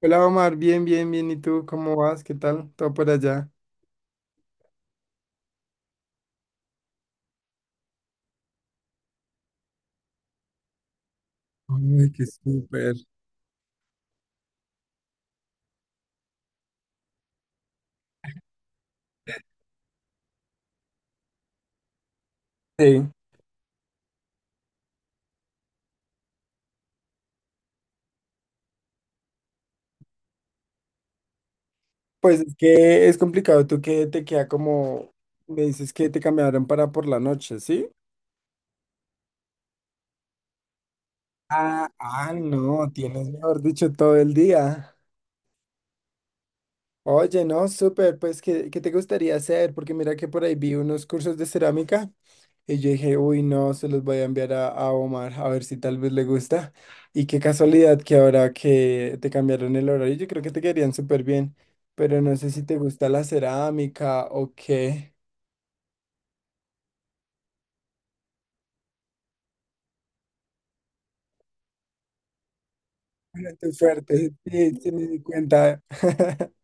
Hola Omar, bien, bien, bien. ¿Y tú cómo vas? ¿Qué tal? ¿Todo por allá? Ay, qué súper. Sí. Pues es que es complicado. Tú que te queda como, me dices que te cambiaron para por la noche, ¿sí? Ah, ah, no, tienes, mejor dicho, todo el día. Oye, no, súper, pues, ¿qué te gustaría hacer? Porque mira que por ahí vi unos cursos de cerámica y yo dije, uy, no, se los voy a enviar a Omar a ver si tal vez le gusta. Y qué casualidad que ahora que te cambiaron el horario, yo creo que te quedarían súper bien, pero no sé si te gusta la cerámica o qué. Bueno, tu suerte, sí, sí me di cuenta.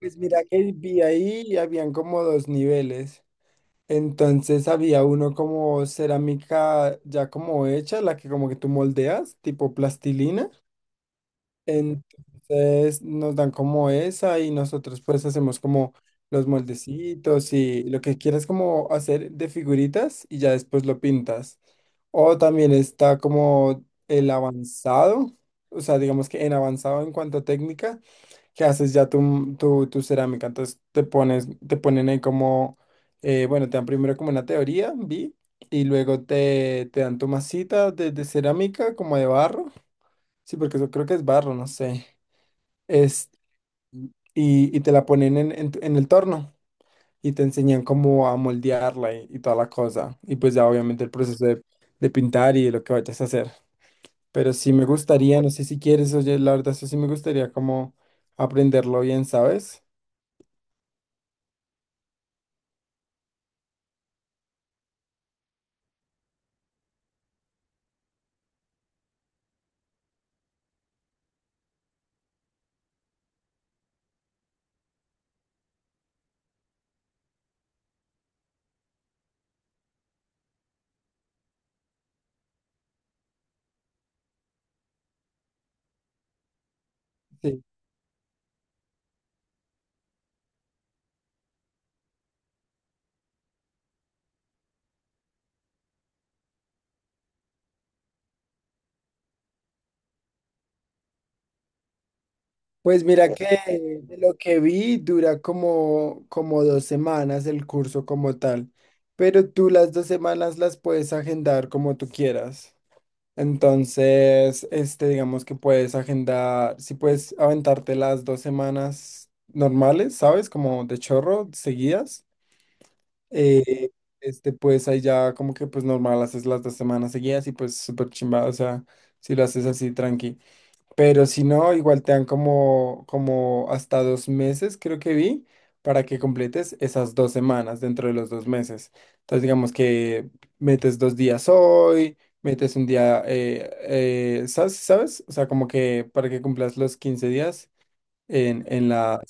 Pues mira que vi ahí y habían como dos niveles. Entonces había uno como cerámica ya como hecha, la que como que tú moldeas, tipo plastilina. Entonces nos dan como esa y nosotros pues hacemos como los moldecitos y lo que quieras como hacer de figuritas y ya después lo pintas. O también está como el avanzado, o sea, digamos que en avanzado en cuanto a técnica que haces ya tu cerámica. Entonces te pones, te ponen ahí como, bueno, te dan primero como una teoría, vi, y luego te, te dan tu masita de cerámica, como de barro. Sí, porque yo creo que es barro, no sé. Es, y, y te la ponen en, tu- en el torno y te enseñan cómo a moldearla y toda la cosa. Y pues ya obviamente el proceso de pintar y de lo que vayas a hacer. Pero sí me gustaría, no sé si quieres, oye, la verdad, eso sí me gustaría como aprenderlo bien, ¿sabes? Sí. Pues mira que de lo que vi dura como, como dos semanas el curso como tal, pero tú las dos semanas las puedes agendar como tú quieras. Entonces, este, digamos que puedes agendar, si puedes aventarte las dos semanas normales, ¿sabes? Como de chorro, seguidas. eh, este, pues ahí ya como que pues normal haces las dos semanas seguidas y pues súper chimba, o sea, si lo haces así tranqui. Pero si no, igual te dan como, como hasta dos meses, creo que vi, para que completes esas dos semanas dentro de los dos meses. Entonces, digamos que metes dos días hoy, metes un día, ¿sabes? ¿Sabes? O sea, como que para que cumplas los 15 días en la...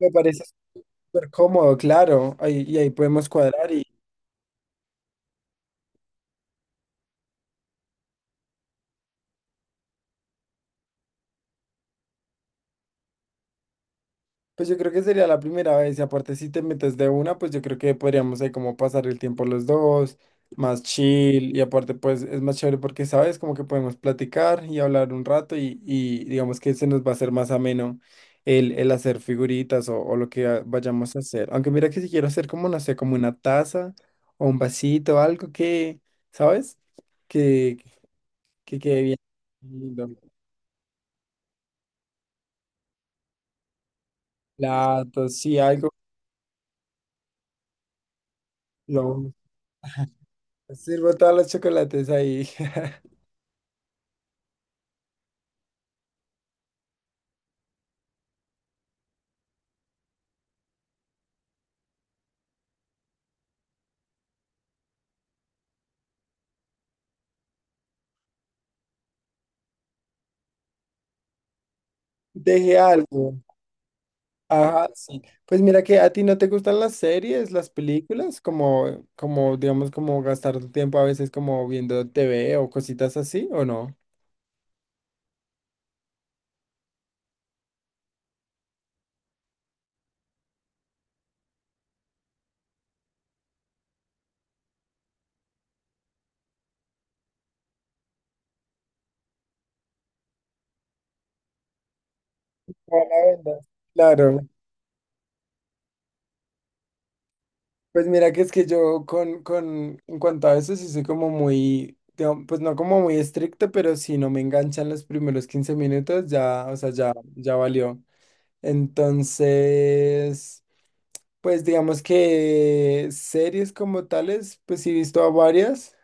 Me parece súper cómodo, claro. Ahí, y ahí podemos cuadrar. Pues yo creo que sería la primera vez y aparte si te metes de una, pues yo creo que podríamos ahí como pasar el tiempo los dos, más chill y aparte pues es más chévere porque sabes como que podemos platicar y hablar un rato y digamos que se nos va a hacer más ameno el hacer figuritas o lo que a- vayamos a hacer. Aunque mira que si quiero hacer como, no sé, como una taza o un vasito, algo que, ¿sabes? Que, que quede bien lindo. Platos, sí, algo. Lo sirvo todos los chocolates ahí. Deje algo. Ajá, sí. Pues mira que a ti no te gustan las series, las películas, como, como, digamos, como gastar tu tiempo a veces como viendo TV o cositas así, ¿o no? No, la verdad. Claro. Pues mira que es que yo con, en cuanto a eso sí soy como muy, digamos, pues no como muy estricto, pero si no me enganchan los primeros 15 minutos, ya, o sea, ya, ya valió. Entonces... Pues digamos que series como tales, pues sí he visto a varias,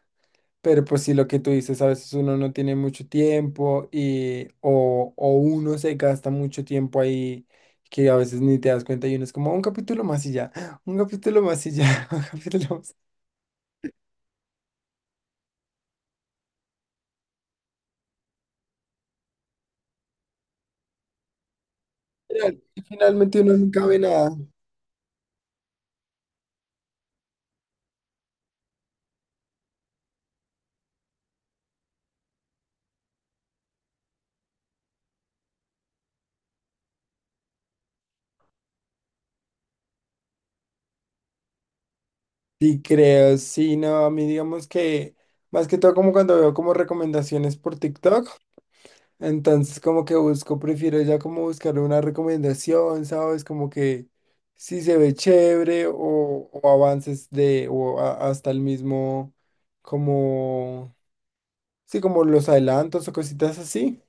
pero pues sí lo que tú dices, a veces uno no tiene mucho tiempo y o uno se gasta mucho tiempo ahí que a veces ni te das cuenta y uno es como un capítulo más y ya, un capítulo más y ya, un capítulo más. Final- Finalmente uno nunca ve nada. Sí, creo, sí, no, a mí digamos que más que todo como cuando veo como recomendaciones por TikTok. Entonces, como que busco, prefiero ya como buscar una recomendación, ¿sabes? Como que si se ve chévere o avances de, o a- hasta el mismo, como, sí, como los adelantos o cositas así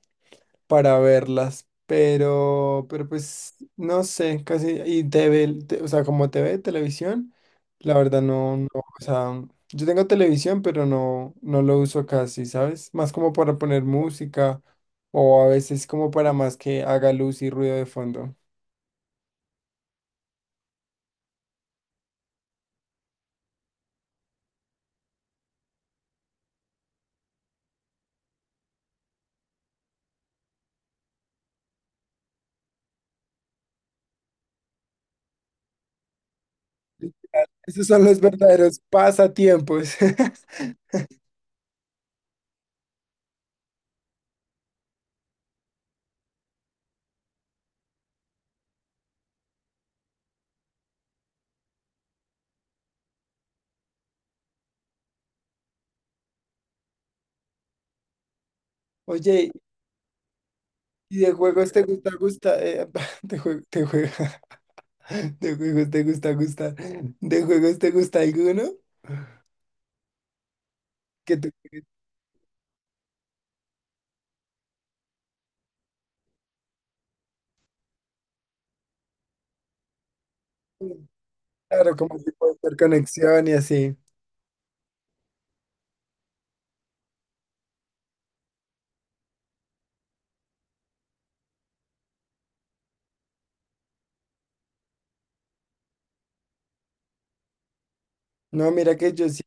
para verlas, pero, pues no sé, casi, y TV, te- o sea, como TV, televisión, la verdad no, no, o sea, yo tengo televisión, pero no, no lo uso casi, ¿sabes? Más como para poner música o a veces como para más que haga luz y ruido de fondo. Esos son los verdaderos pasatiempos. Oye, ¿y de juegos te gusta, gusta? De jue- te juega, de juegos te gusta, gusta. ¿De juegos te gusta alguno? Que claro, como si puede hacer conexión y así. No, mira que yo sí,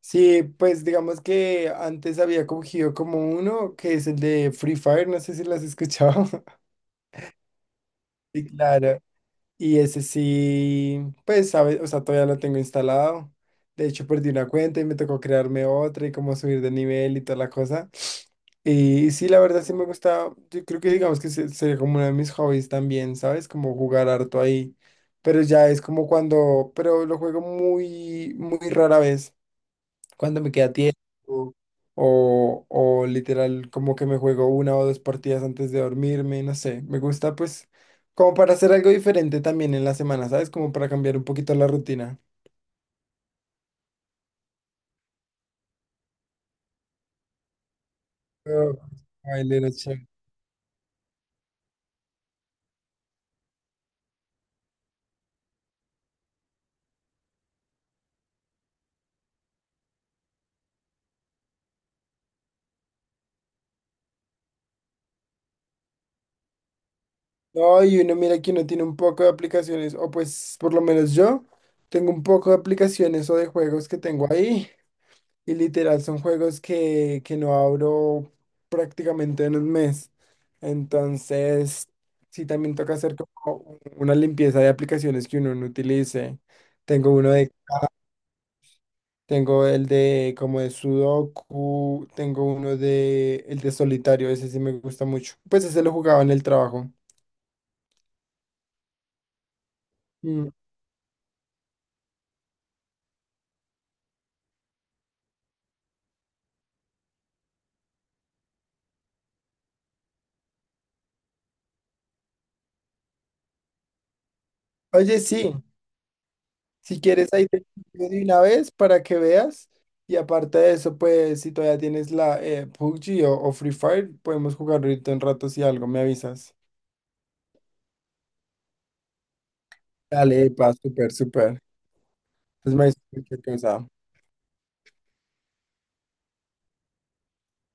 sí, pues digamos que antes había cogido como uno que es el de Free Fire, no sé si lo has escuchado. Sí, claro. Y ese sí, pues, sabe, o sea, todavía lo tengo instalado. De hecho, perdí una cuenta y me tocó crearme otra y como subir de nivel y toda la cosa. Y, sí, la verdad sí me gusta, yo creo que digamos que se- sería como uno de mis hobbies también, ¿sabes? Como jugar harto ahí. Pero ya es como cuando, pero lo juego muy rara vez cuándo me queda tiempo, o literal como que me juego una o dos partidas antes de dormirme, no sé, me gusta pues como para hacer algo diferente también en la semana, ¿sabes? Como para cambiar un poquito la rutina. Pero, ay, Lena, chévere. No, y uno mira que uno tiene un poco de aplicaciones, o pues por lo menos yo tengo un poco de aplicaciones o de juegos que tengo ahí. Y literal, son juegos que no abro prácticamente en un mes. Entonces, sí, también toca hacer como una limpieza de aplicaciones que uno no utilice. Tengo uno de, tengo el de como de Sudoku, tengo uno de el de solitario, ese sí me gusta mucho. Pues ese lo jugaba en el trabajo. Mm. Oye, sí. Si quieres, ahí te envío de una vez para que veas. Y aparte de eso, pues si todavía tienes la PUBG o Free Fire, podemos jugar ahorita un rato si algo me avisas. Dale, pa, súper, súper. Entonces me avisas cualquier cosa.